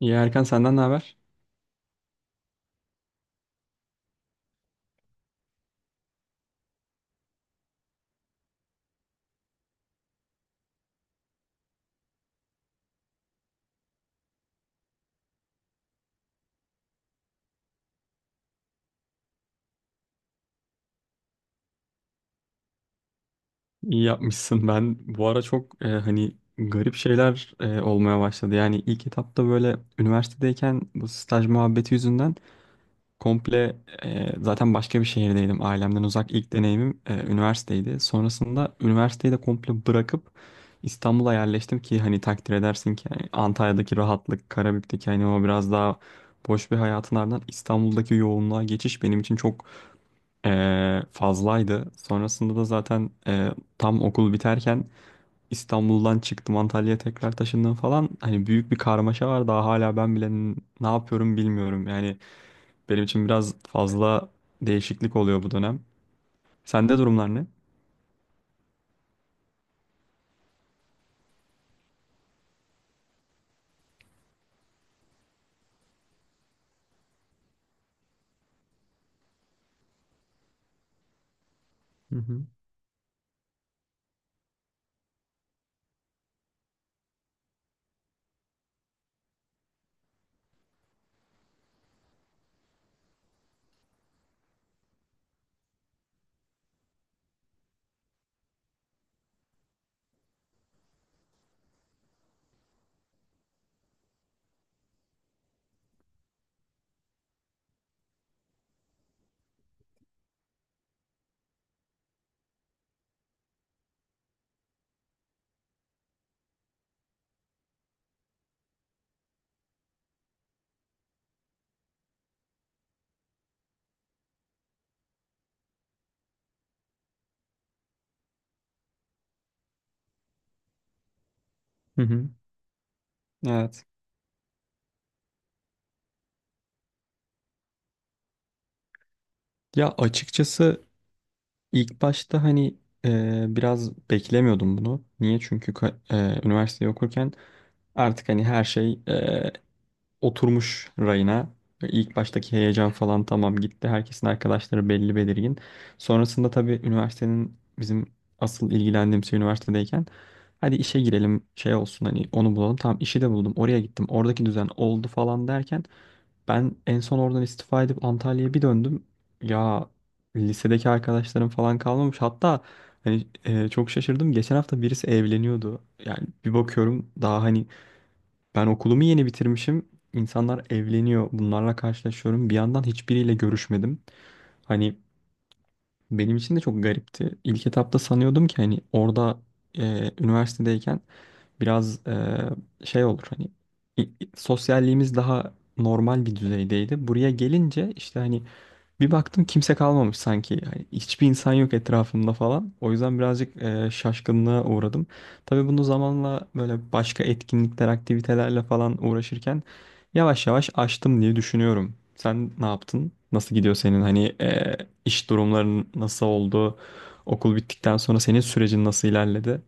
İyi Erkan, senden ne haber? İyi yapmışsın. Ben bu ara çok hani garip şeyler olmaya başladı. Yani ilk etapta böyle üniversitedeyken bu staj muhabbeti yüzünden komple zaten başka bir şehirdeydim. Ailemden uzak ilk deneyimim üniversiteydi. Sonrasında üniversiteyi de komple bırakıp İstanbul'a yerleştim ki hani takdir edersin ki yani Antalya'daki rahatlık, Karabük'teki hani o biraz daha boş bir hayatın ardından İstanbul'daki yoğunluğa geçiş benim için çok fazlaydı. Sonrasında da zaten tam okul biterken İstanbul'dan çıktım, Antalya'ya tekrar taşındım falan. Hani büyük bir karmaşa var. Daha hala ben bile ne yapıyorum bilmiyorum. Yani benim için biraz fazla değişiklik oluyor bu dönem. Sende durumlar ne? Hı hı. Hı hı. Evet. Ya açıkçası ilk başta hani biraz beklemiyordum bunu. Niye? Çünkü üniversiteyi okurken artık hani her şey oturmuş rayına. İlk baştaki heyecan falan tamam gitti. Herkesin arkadaşları belli belirgin. Sonrasında tabii üniversitenin bizim asıl ilgilendiğim şey üniversitedeyken hadi işe girelim, şey olsun, hani onu bulalım. Tamam, işi de buldum, oraya gittim, oradaki düzen oldu falan derken ben en son oradan istifa edip Antalya'ya bir döndüm. Ya lisedeki arkadaşlarım falan kalmamış. Hatta hani, çok şaşırdım. Geçen hafta birisi evleniyordu. Yani bir bakıyorum daha hani ben okulumu yeni bitirmişim, İnsanlar evleniyor. Bunlarla karşılaşıyorum. Bir yandan hiçbiriyle görüşmedim. Hani benim için de çok garipti. İlk etapta sanıyordum ki hani orada üniversitedeyken biraz şey olur hani sosyalliğimiz daha normal bir düzeydeydi. Buraya gelince işte hani bir baktım kimse kalmamış sanki. Yani hiçbir insan yok etrafımda falan. O yüzden birazcık şaşkınlığa uğradım. Tabii bunu zamanla böyle başka etkinlikler, aktivitelerle falan uğraşırken yavaş yavaş açtım diye düşünüyorum. Sen ne yaptın? Nasıl gidiyor senin hani iş durumların nasıl oldu? Okul bittikten sonra senin sürecin nasıl ilerledi?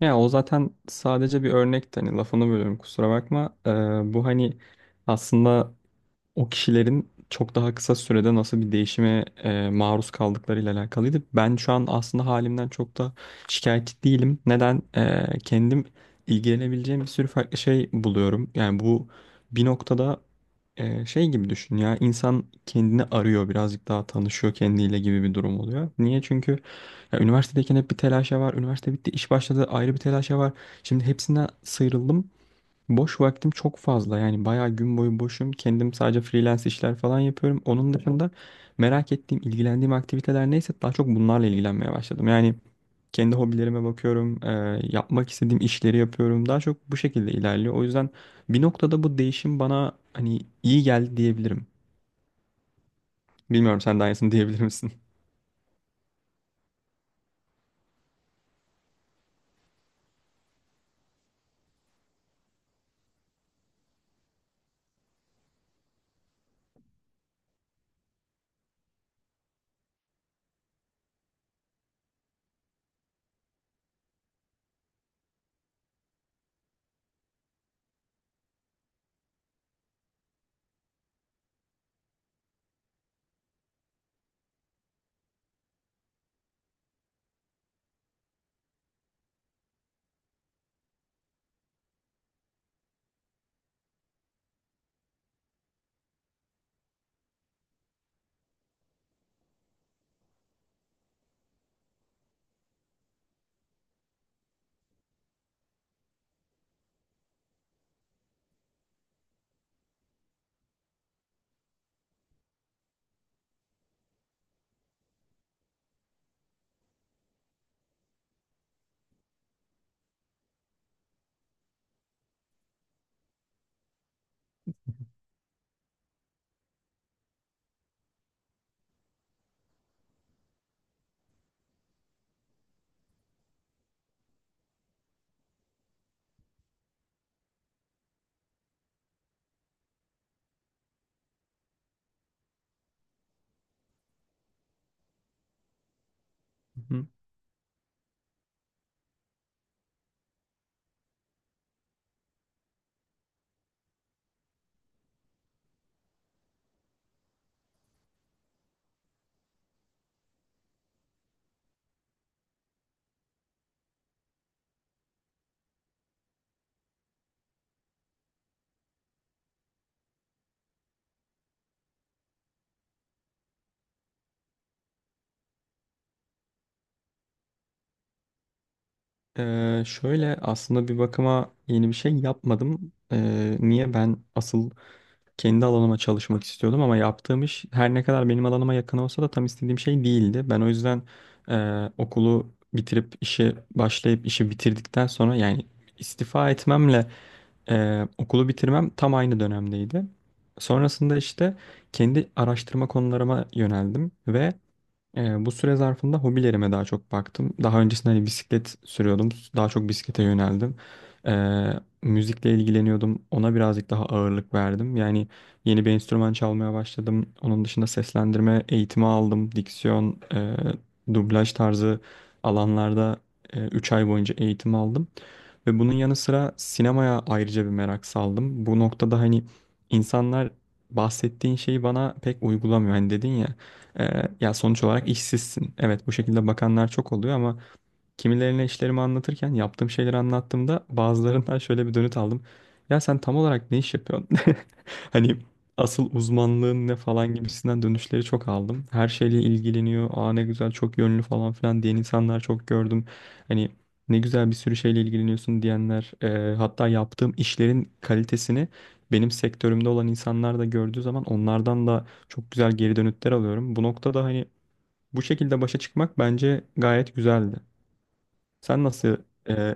Ya o zaten sadece bir örnek. Hani lafını bölüyorum, kusura bakma. Bu hani aslında o kişilerin çok daha kısa sürede nasıl bir değişime maruz kaldıklarıyla alakalıydı. Ben şu an aslında halimden çok da şikayetçi değilim. Neden? Kendim ilgilenebileceğim bir sürü farklı şey buluyorum. Yani bu bir noktada şey gibi düşün, ya insan kendini arıyor, birazcık daha tanışıyor kendiyle gibi bir durum oluyor. Niye? Çünkü ya, üniversitedeyken hep bir telaşa var. Üniversite bitti, iş başladı, ayrı bir telaşa var. Şimdi hepsinden sıyrıldım. Boş vaktim çok fazla, yani bayağı gün boyu boşum. Kendim sadece freelance işler falan yapıyorum. Onun dışında merak ettiğim, ilgilendiğim aktiviteler neyse daha çok bunlarla ilgilenmeye başladım. Yani kendi hobilerime bakıyorum, yapmak istediğim işleri yapıyorum. Daha çok bu şekilde ilerliyor. O yüzden bir noktada bu değişim bana hani iyi geldi diyebilirim. Bilmiyorum, sen de aynısını diyebilir misin? Hı. Şöyle aslında bir bakıma yeni bir şey yapmadım. Niye ben asıl kendi alanıma çalışmak istiyordum ama yaptığım iş her ne kadar benim alanıma yakın olsa da tam istediğim şey değildi. Ben o yüzden okulu bitirip işe başlayıp işi bitirdikten sonra, yani istifa etmemle okulu bitirmem tam aynı dönemdeydi. Sonrasında işte kendi araştırma konularıma yöneldim ve bu süre zarfında hobilerime daha çok baktım. Daha öncesinde hani bisiklet sürüyordum. Daha çok bisiklete yöneldim. Ee, müzikle ilgileniyordum. Ona birazcık daha ağırlık verdim. Yani yeni bir enstrüman çalmaya başladım. Onun dışında seslendirme eğitimi aldım. Diksiyon, dublaj tarzı alanlarda 3 ay boyunca eğitim aldım. Ve bunun yanı sıra sinemaya ayrıca bir merak saldım. Bu noktada hani insanlar bahsettiğin şeyi bana pek uygulamıyor. Hani dedin ya, ya sonuç olarak işsizsin. Evet, bu şekilde bakanlar çok oluyor ama kimilerine işlerimi anlatırken, yaptığım şeyleri anlattığımda bazılarından şöyle bir dönüt aldım. Ya sen tam olarak ne iş yapıyorsun? Hani asıl uzmanlığın ne falan gibisinden dönüşleri çok aldım. Her şeyle ilgileniyor. Aa ne güzel, çok yönlü falan filan diyen insanlar çok gördüm. Hani ne güzel bir sürü şeyle ilgileniyorsun diyenler. Hatta yaptığım işlerin kalitesini benim sektörümde olan insanlar da gördüğü zaman onlardan da çok güzel geri dönütler alıyorum. Bu noktada hani bu şekilde başa çıkmak bence gayet güzeldi. Sen nasıl e,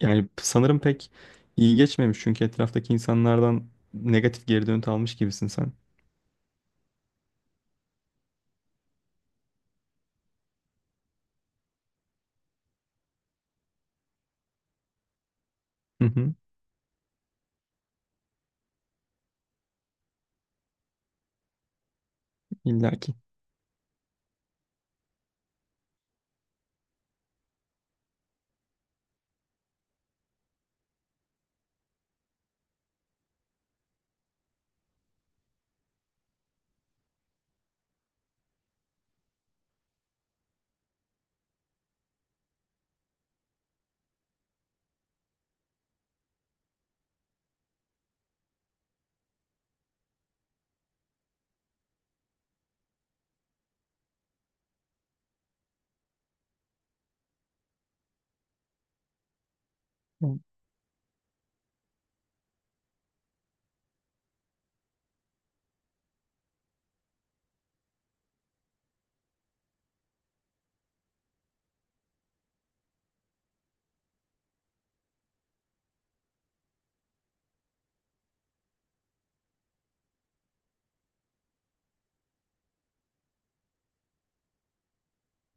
yani sanırım pek iyi geçmemiş çünkü etraftaki insanlardan negatif geri dönüt almış gibisin sen. Hı hı, illaki.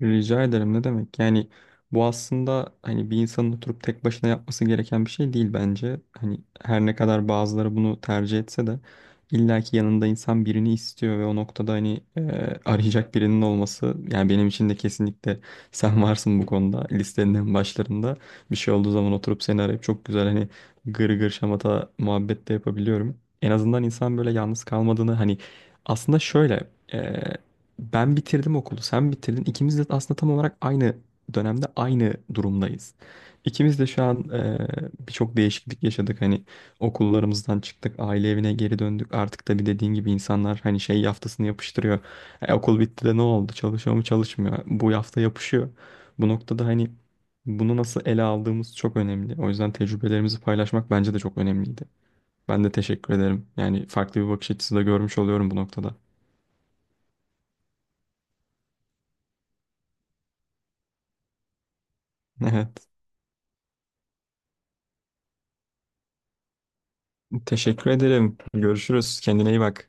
Rica ederim, ne demek? Yani bu aslında hani bir insanın oturup tek başına yapması gereken bir şey değil bence. Hani her ne kadar bazıları bunu tercih etse de illaki yanında insan birini istiyor ve o noktada hani arayacak birinin olması, yani benim için de kesinlikle sen varsın bu konuda listenin en başlarında. Bir şey olduğu zaman oturup seni arayıp çok güzel hani gır gır şamata muhabbet de yapabiliyorum. En azından insan böyle yalnız kalmadığını hani aslında şöyle, ben bitirdim okulu, sen bitirdin. İkimiz de aslında tam olarak aynı dönemde aynı durumdayız. İkimiz de şu an birçok değişiklik yaşadık. Hani okullarımızdan çıktık, aile evine geri döndük. Artık da bir dediğin gibi insanlar hani şey yaftasını yapıştırıyor. Okul bitti de ne oldu? Çalışıyor mu, çalışmıyor Bu yafta yapışıyor. Bu noktada hani bunu nasıl ele aldığımız çok önemli. O yüzden tecrübelerimizi paylaşmak bence de çok önemliydi. Ben de teşekkür ederim. Yani farklı bir bakış açısı da görmüş oluyorum bu noktada. Evet. Teşekkür ederim. Görüşürüz. Kendine iyi bak.